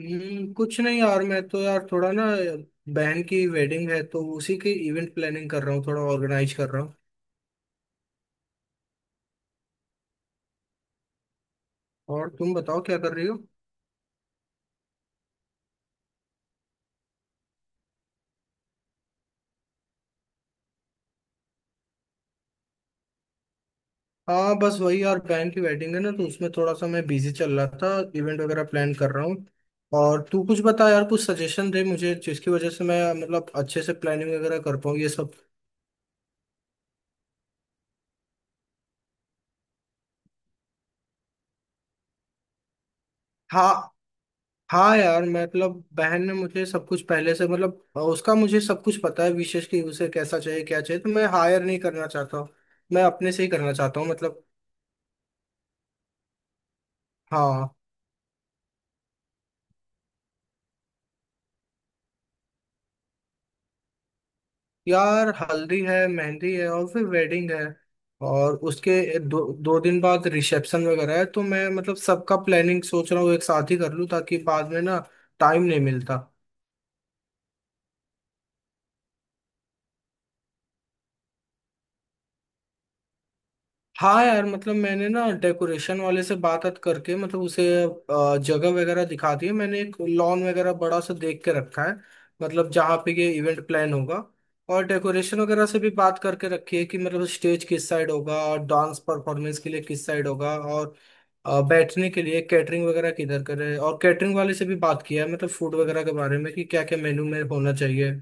कुछ नहीं यार। मैं तो यार थोड़ा ना बहन की वेडिंग है तो उसी की इवेंट प्लानिंग कर रहा हूँ, थोड़ा ऑर्गेनाइज कर रहा हूँ। और तुम बताओ क्या कर रही हो? हाँ, बस वही यार, बहन की वेडिंग है ना तो उसमें थोड़ा सा मैं बिजी चल रहा था। इवेंट वगैरह प्लान कर रहा हूँ। और तू कुछ बता यार, कुछ सजेशन दे मुझे जिसकी वजह से मैं मतलब अच्छे से प्लानिंग वगैरह कर पाऊँ ये सब। हाँ। हाँ यार मतलब बहन ने मुझे सब कुछ पहले से मतलब उसका मुझे सब कुछ पता है, विशेष कि उसे कैसा चाहिए क्या चाहिए, तो मैं हायर नहीं करना चाहता हूँ। मैं अपने से ही करना चाहता हूँ मतलब। हाँ यार, हल्दी है, मेहंदी है, और फिर वेडिंग है। और उसके दो दो दिन बाद रिसेप्शन वगैरह है, तो मैं मतलब सबका प्लानिंग सोच रहा हूँ एक साथ ही कर लूँ ताकि बाद में ना टाइम नहीं मिलता। हाँ यार मतलब मैंने ना डेकोरेशन वाले से बात बात करके मतलब उसे जगह वगैरह दिखा दी है। मैंने एक लॉन वगैरह बड़ा सा देख के रखा है मतलब जहाँ पे ये इवेंट प्लान होगा। और डेकोरेशन वगैरह से भी बात करके रखी है कि मतलब स्टेज किस साइड होगा और डांस परफॉर्मेंस के लिए किस साइड होगा, और बैठने के लिए, कैटरिंग वगैरह किधर करें। और कैटरिंग वाले से भी बात किया है मतलब फूड वगैरह के बारे में, कि क्या क्या मेन्यू में होना चाहिए।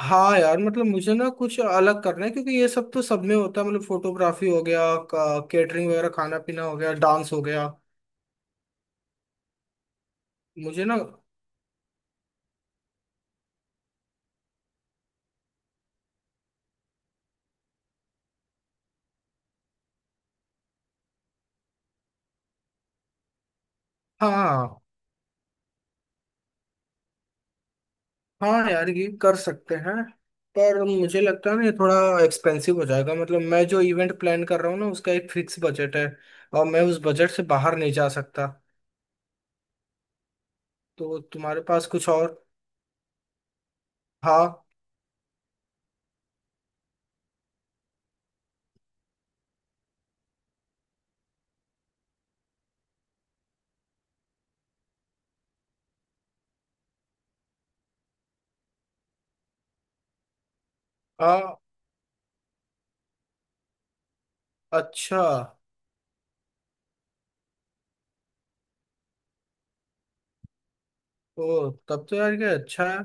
हाँ यार मतलब मुझे ना कुछ अलग करना है क्योंकि ये सब तो सब में होता है, मतलब फोटोग्राफी हो गया, केटरिंग वगैरह खाना पीना हो गया, डांस हो गया। मुझे ना। हाँ। हाँ यार ये कर सकते हैं। पर मुझे लगता है ना ये थोड़ा एक्सपेंसिव हो जाएगा, मतलब मैं जो इवेंट प्लान कर रहा हूँ ना उसका एक फिक्स बजट है और मैं उस बजट से बाहर नहीं जा सकता। तो तुम्हारे पास कुछ और? हाँ। हाँ। अच्छा। ओ। तब तो यार ये अच्छा है।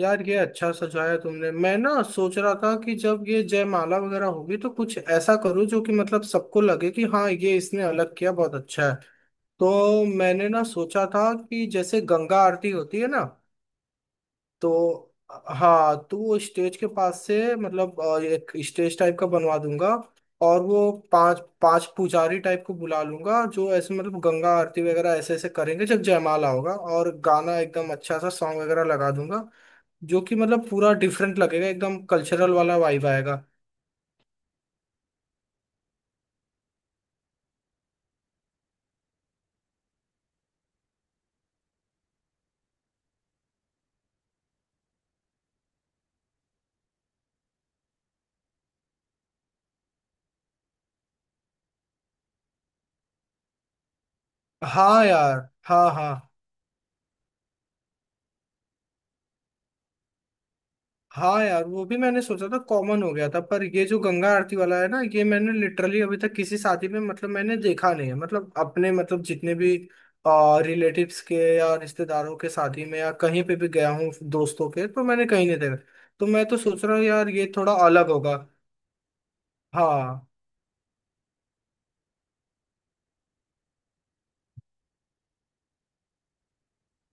यार ये अच्छा सजाया तुमने। मैं ना सोच रहा था कि जब ये जयमाला वगैरह होगी तो कुछ ऐसा करूँ जो कि मतलब सबको लगे कि हाँ ये इसने अलग किया, बहुत अच्छा है। तो मैंने ना सोचा था कि जैसे गंगा आरती होती है ना। तो हाँ, तो वो स्टेज के पास से मतलब एक स्टेज टाइप का बनवा दूंगा। और वो पांच पांच पुजारी टाइप को बुला लूंगा जो ऐसे मतलब गंगा आरती वगैरह ऐसे ऐसे करेंगे जब जयमाला होगा, और गाना एकदम अच्छा सा सॉन्ग वगैरह लगा दूंगा, जो कि मतलब पूरा डिफरेंट लगेगा, एकदम कल्चरल वाला वाइब आएगा। हाँ यार। हाँ। हाँ। हाँ यार वो भी मैंने सोचा था, कॉमन हो गया था। पर ये जो गंगा आरती वाला है ना, ये मैंने लिटरली अभी तक किसी शादी में मतलब मैंने देखा नहीं है, मतलब अपने मतलब जितने भी रिलेटिव्स के या रिश्तेदारों के शादी में या कहीं पे भी गया हूँ दोस्तों के, तो मैंने कहीं नहीं देखा। तो मैं तो सोच रहा हूँ यार ये थोड़ा अलग होगा। हाँ।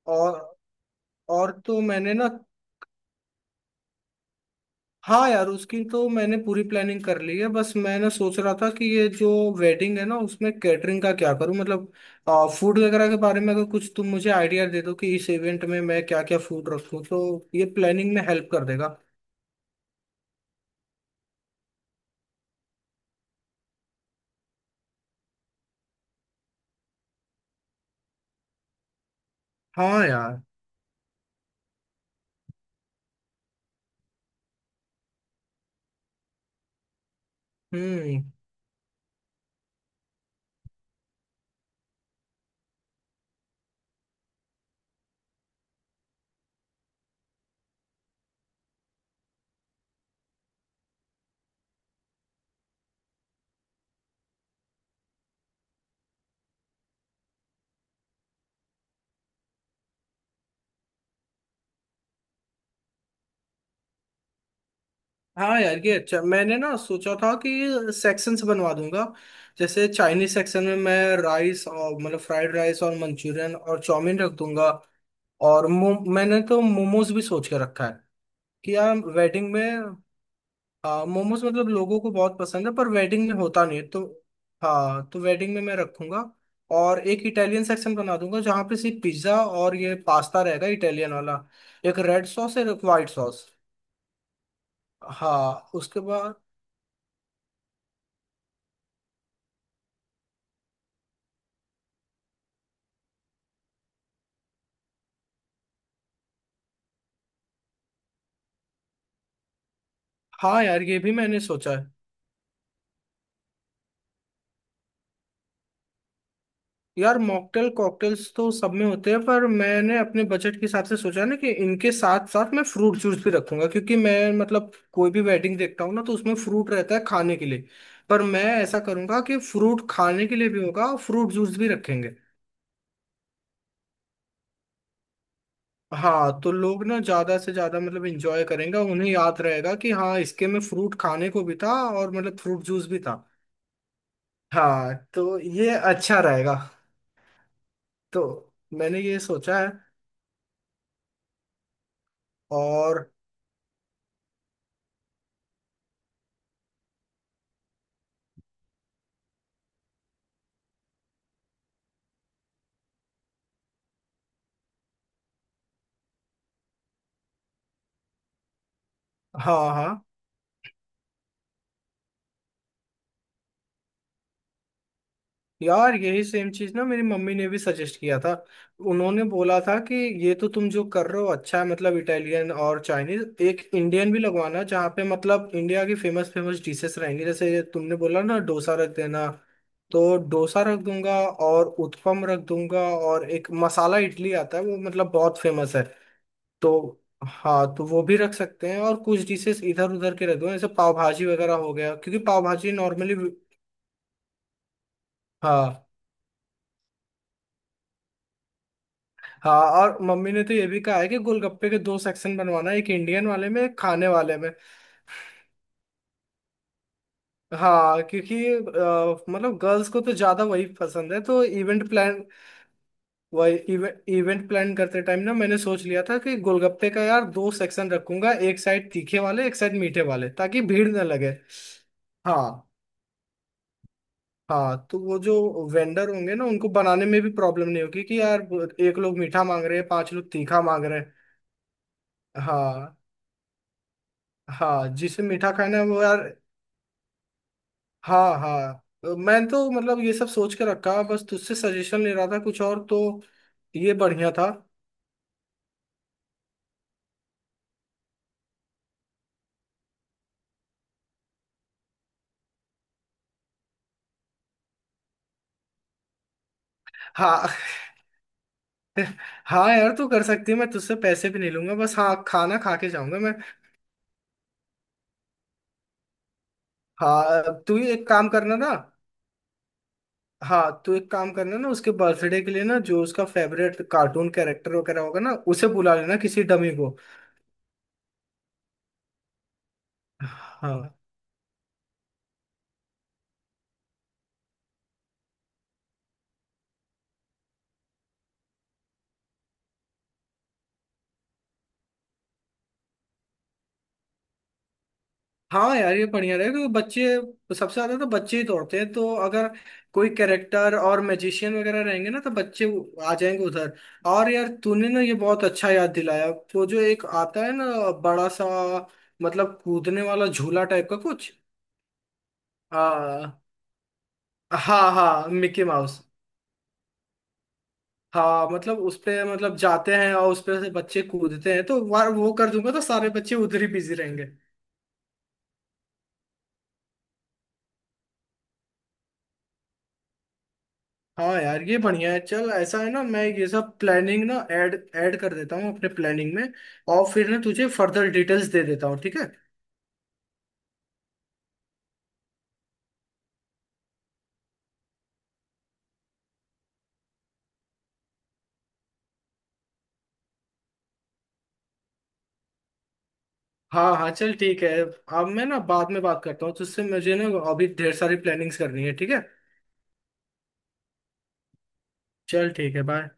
और और तो मैंने ना। हाँ यार उसकी तो मैंने पूरी प्लानिंग कर ली है। बस मैंने सोच रहा था कि ये जो वेडिंग है ना उसमें कैटरिंग का क्या करूँ, मतलब फूड वगैरह के बारे में अगर कुछ तुम मुझे आइडिया दे दो कि इस इवेंट में मैं क्या क्या फूड रखूँ तो ये प्लानिंग में हेल्प कर देगा। हाँ यार। हम्म। हाँ यार ये अच्छा। मैंने ना सोचा था कि सेक्शंस बनवा दूंगा। जैसे चाइनीज सेक्शन में मैं राइस और मतलब फ्राइड राइस और मंचूरियन और चाउमीन रख दूंगा। और मैंने तो मोमोज भी सोच के रखा है कि यार वेडिंग में। हाँ मोमोज मतलब लोगों को बहुत पसंद है, पर वेडिंग में होता नहीं है तो। हाँ तो वेडिंग में मैं रखूंगा। और एक इटालियन सेक्शन बना दूंगा जहाँ पे सिर्फ पिज्ज़ा और ये पास्ता रहेगा, इटालियन वाला। एक रेड सॉस और एक वाइट सॉस। हाँ उसके बाद। हाँ यार ये भी मैंने सोचा। यार मॉकटेल कॉकटेल्स तो सब में होते हैं, पर मैंने अपने बजट के हिसाब से सोचा ना कि इनके साथ साथ मैं फ्रूट जूस भी रखूंगा, क्योंकि मैं मतलब कोई भी वेडिंग देखता हूँ ना तो उसमें फ्रूट रहता है खाने के लिए। पर मैं ऐसा करूंगा कि फ्रूट खाने के लिए भी होगा और फ्रूट जूस भी रखेंगे। हाँ, तो लोग ना ज्यादा से ज्यादा मतलब इंजॉय करेंगे, उन्हें याद रहेगा कि हाँ इसके में फ्रूट खाने को भी था और मतलब फ्रूट जूस भी था। हाँ तो ये अच्छा रहेगा। तो मैंने ये सोचा है। और। हाँ। हाँ। यार यही सेम चीज ना मेरी मम्मी ने भी सजेस्ट किया था। उन्होंने बोला था कि ये तो तुम जो कर रहे हो अच्छा है, मतलब इटालियन और चाइनीज, एक इंडियन भी लगवाना जहाँ पे मतलब इंडिया की फेमस फेमस डिशेस रहेंगी, जैसे तुमने बोला ना डोसा रख देना। तो डोसा रख दूंगा और उत्पम रख दूंगा, और एक मसाला इडली आता है वो मतलब बहुत फेमस है। तो हाँ तो वो भी रख सकते हैं। और कुछ डिशेस इधर उधर के रख दूंगा जैसे पाव भाजी वगैरह हो गया, क्योंकि पाव भाजी नॉर्मली। हाँ। हाँ और मम्मी ने तो ये भी कहा है कि गोलगप्पे के दो सेक्शन बनवाना, एक इंडियन वाले में एक खाने वाले में। हाँ क्योंकि मतलब गर्ल्स को तो ज्यादा वही पसंद है, तो इवेंट प्लान वही इवेंट इवेंट प्लान करते टाइम ना मैंने सोच लिया था कि गोलगप्पे का यार दो सेक्शन रखूंगा, एक साइड तीखे वाले एक साइड मीठे वाले, ताकि भीड़ ना लगे। हाँ। हाँ तो वो जो वेंडर होंगे ना उनको बनाने में भी प्रॉब्लम नहीं होगी कि यार एक लोग मीठा मांग रहे हैं, पांच लोग तीखा मांग रहे हैं। हाँ। हाँ जिसे मीठा खाना है वो यार। हाँ। हाँ। तो मैं तो मतलब ये सब सोच के रखा, बस तुझसे सजेशन ले रहा था कुछ और, तो ये बढ़िया था। हाँ। हाँ यार तू कर सकती है, मैं तुझसे पैसे भी नहीं लूंगा। बस हाँ खाना खा के जाऊंगा मैं। हाँ तू ही एक काम करना ना। हाँ तू एक काम करना ना, उसके बर्थडे के लिए ना जो उसका फेवरेट कार्टून कैरेक्टर वगैरह होगा ना, उसे बुला लेना किसी डमी को। हाँ। हाँ यार ये बढ़िया रहेगा, क्योंकि बच्चे सबसे ज्यादा तो बच्चे ही दौड़ते हैं, तो अगर कोई कैरेक्टर और मैजिशियन वगैरह रहेंगे ना तो बच्चे वो आ जाएंगे उधर। और यार तूने ना ये बहुत अच्छा याद दिलाया, वो जो एक आता है ना, बड़ा सा, मतलब कूदने वाला झूला टाइप का कुछ। आ, हाँ हाँ, मिकी माउस। हाँ मतलब उस पे मतलब जाते हैं और उस पे से बच्चे कूदते हैं, तो वो कर दूंगा तो सारे बच्चे उधर ही बिजी रहेंगे। हाँ यार ये बढ़िया है। चल ऐसा है ना, मैं ये सब प्लानिंग ना ऐड ऐड कर देता हूँ अपने प्लानिंग में। और फिर ना तुझे फर्दर डिटेल्स दे देता हूँ, ठीक है? हाँ। हाँ। चल ठीक है, अब मैं ना बाद में बात करता हूँ तुझसे, मुझे ना अभी ढेर सारी प्लानिंग्स करनी है, ठीक है? चल ठीक है, बाय।